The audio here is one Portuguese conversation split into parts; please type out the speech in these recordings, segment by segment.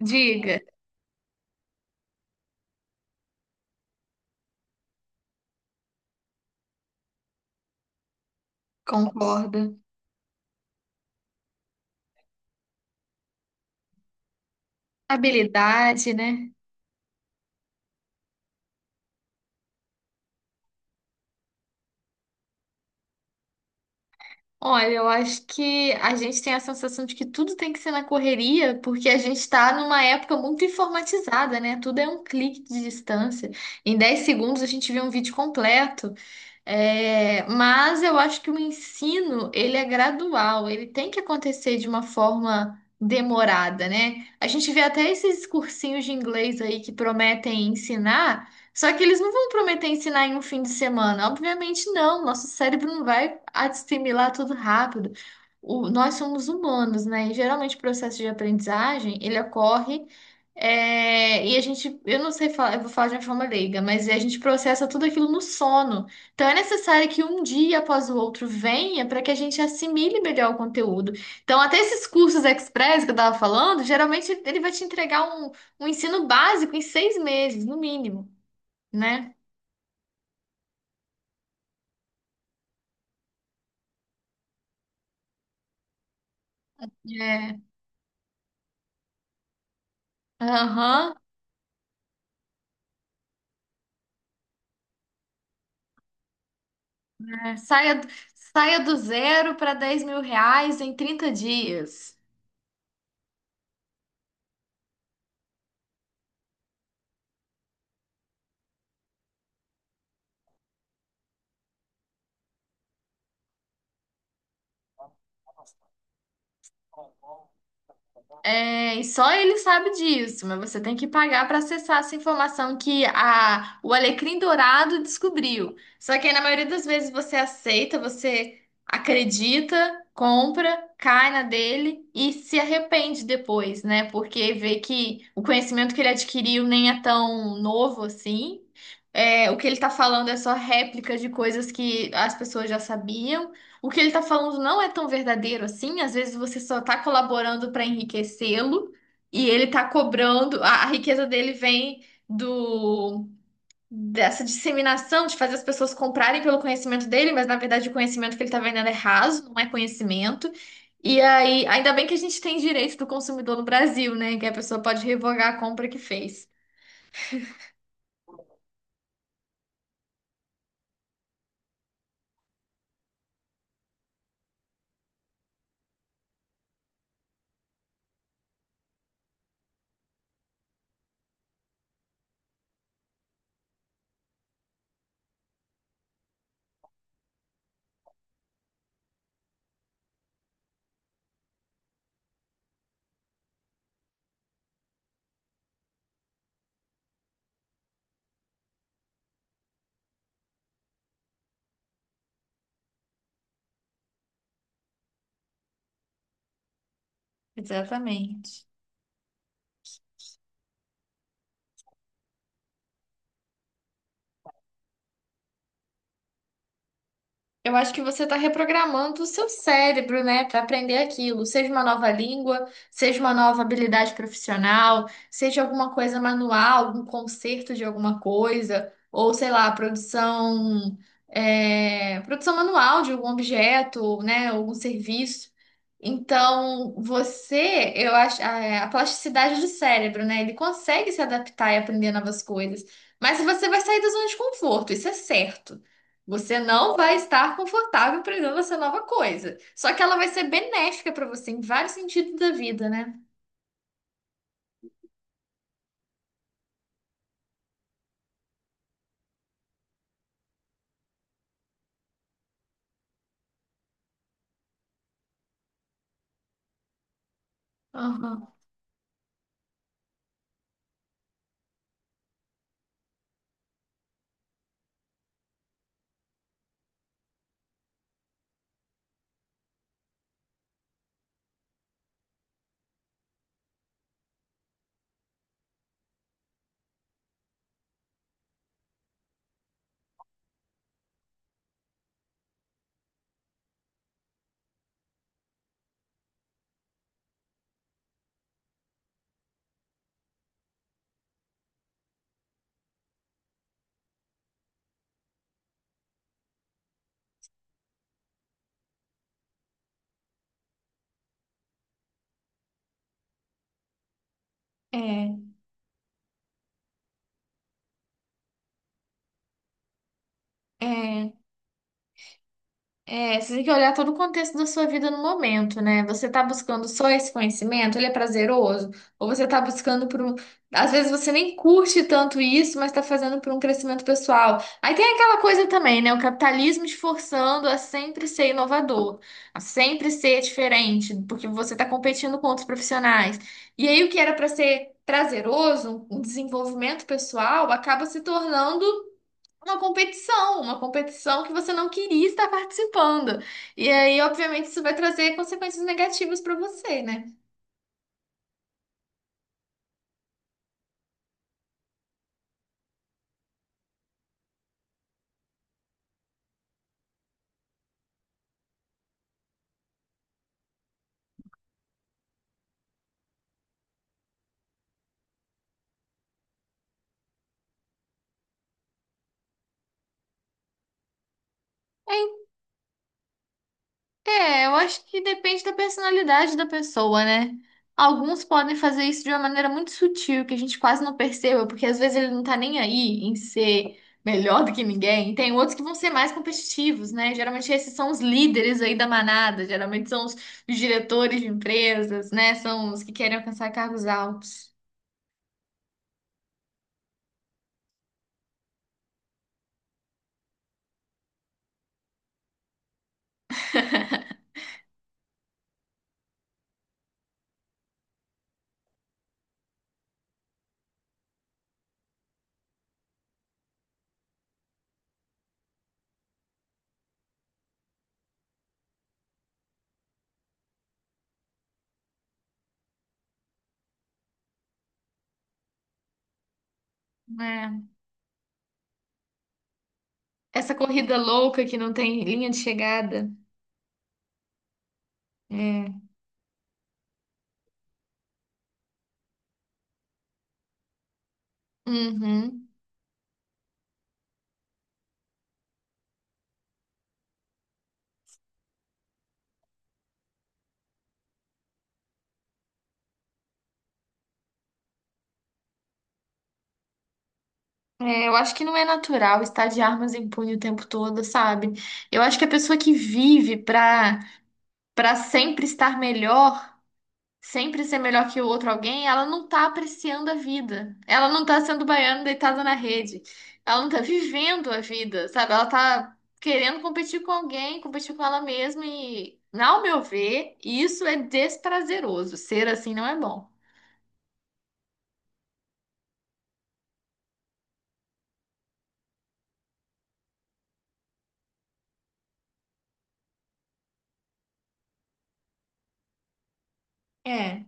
Diga, concordo. Habilidade, né? Olha, eu acho que a gente tem a sensação de que tudo tem que ser na correria, porque a gente está numa época muito informatizada, né? Tudo é um clique de distância. Em 10 segundos a gente vê um vídeo completo. É, mas eu acho que o ensino, ele é gradual, ele tem que acontecer de uma forma demorada, né? A gente vê até esses cursinhos de inglês aí que prometem ensinar, só que eles não vão prometer ensinar em um fim de semana. Obviamente não, nosso cérebro não vai assimilar tudo rápido. Nós somos humanos, né? E geralmente o processo de aprendizagem, ele ocorre e a gente, eu não sei falar, eu vou falar de uma forma leiga, mas a gente processa tudo aquilo no sono. Então é necessário que um dia após o outro venha para que a gente assimile melhor o conteúdo. Então, até esses cursos express que eu estava falando, geralmente ele vai te entregar um, um ensino básico em 6 meses, no mínimo, né? É. Aham. É, saia do zero para R$ 10.000 em 30 dias. É, e só ele sabe disso, mas você tem que pagar para acessar essa informação que o Alecrim Dourado descobriu. Só que aí, na maioria das vezes você aceita, você acredita, compra, cai na dele e se arrepende depois, né? Porque vê que o conhecimento que ele adquiriu nem é tão novo assim. É, o que ele tá falando é só réplica de coisas que as pessoas já sabiam, o que ele tá falando não é tão verdadeiro assim, às vezes você só tá colaborando para enriquecê-lo e ele tá cobrando, a riqueza dele vem do dessa disseminação de fazer as pessoas comprarem pelo conhecimento dele, mas na verdade o conhecimento que ele tá vendendo é raso, não é conhecimento. E aí, ainda bem que a gente tem direito do consumidor no Brasil, né? Que a pessoa pode revogar a compra que fez. Exatamente. Eu acho que você está reprogramando o seu cérebro, né, para aprender aquilo, seja uma nova língua, seja uma nova habilidade profissional, seja alguma coisa manual, algum conserto de alguma coisa, ou sei lá, produção, é, produção manual de algum objeto, né, algum serviço. Então, você, eu acho, a, é, a plasticidade do cérebro, né, ele consegue se adaptar e aprender novas coisas, mas você vai sair da zona de conforto, isso é certo. Você não vai estar confortável aprendendo essa nova coisa. Só que ela vai ser benéfica para você em vários sentidos da vida, né? Aham. É, é. É, você tem que olhar todo o contexto da sua vida no momento, né? Você tá buscando só esse conhecimento, ele é prazeroso, ou você tá buscando por um. Às vezes você nem curte tanto isso, mas tá fazendo por um crescimento pessoal. Aí tem aquela coisa também, né? O capitalismo te forçando a sempre ser inovador, a sempre ser diferente, porque você tá competindo com outros profissionais. E aí o que era pra ser prazeroso, um desenvolvimento pessoal, acaba se tornando uma competição que você não queria estar participando. E aí, obviamente, isso vai trazer consequências negativas para você, né? É, é, eu acho que depende da personalidade da pessoa, né? Alguns podem fazer isso de uma maneira muito sutil, que a gente quase não perceba, porque às vezes ele não tá nem aí em ser melhor do que ninguém. Tem outros que vão ser mais competitivos, né? Geralmente esses são os líderes aí da manada, geralmente são os diretores de empresas, né? São os que querem alcançar cargos altos. É. Essa corrida louca que não tem linha de chegada. É. Uhum. É, eu acho que não é natural estar de armas em punho o tempo todo, sabe? Eu acho que a pessoa que vive pra, pra sempre estar melhor, sempre ser melhor que o outro alguém, ela não tá apreciando a vida. Ela não tá sendo baiana deitada na rede. Ela não tá vivendo a vida, sabe? Ela tá querendo competir com alguém, competir com ela mesma e, ao meu ver, isso é desprazeroso. Ser assim não é bom. é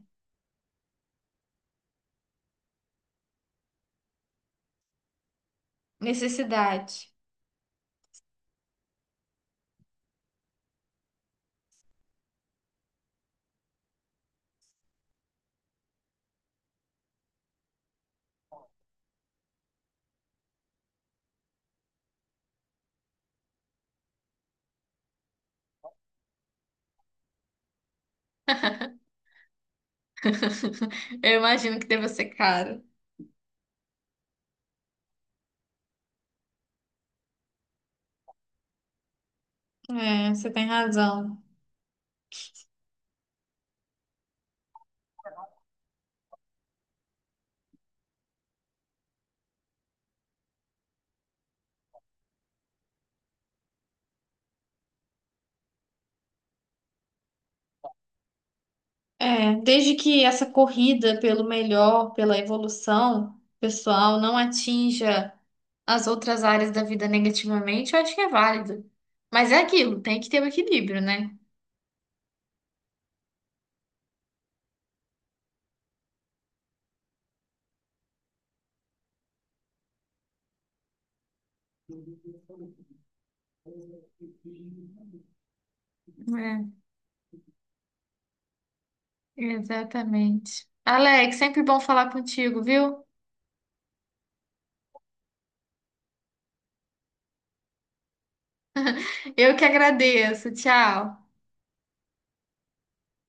Necessidade. Eu imagino que deva ser caro. É, você tem razão. É, desde que essa corrida pelo melhor, pela evolução pessoal, não atinja as outras áreas da vida negativamente, eu acho que é válido. Mas é aquilo, tem que ter o equilíbrio, né? É, exatamente. Alex, sempre bom falar contigo, viu? Eu que agradeço. Tchau.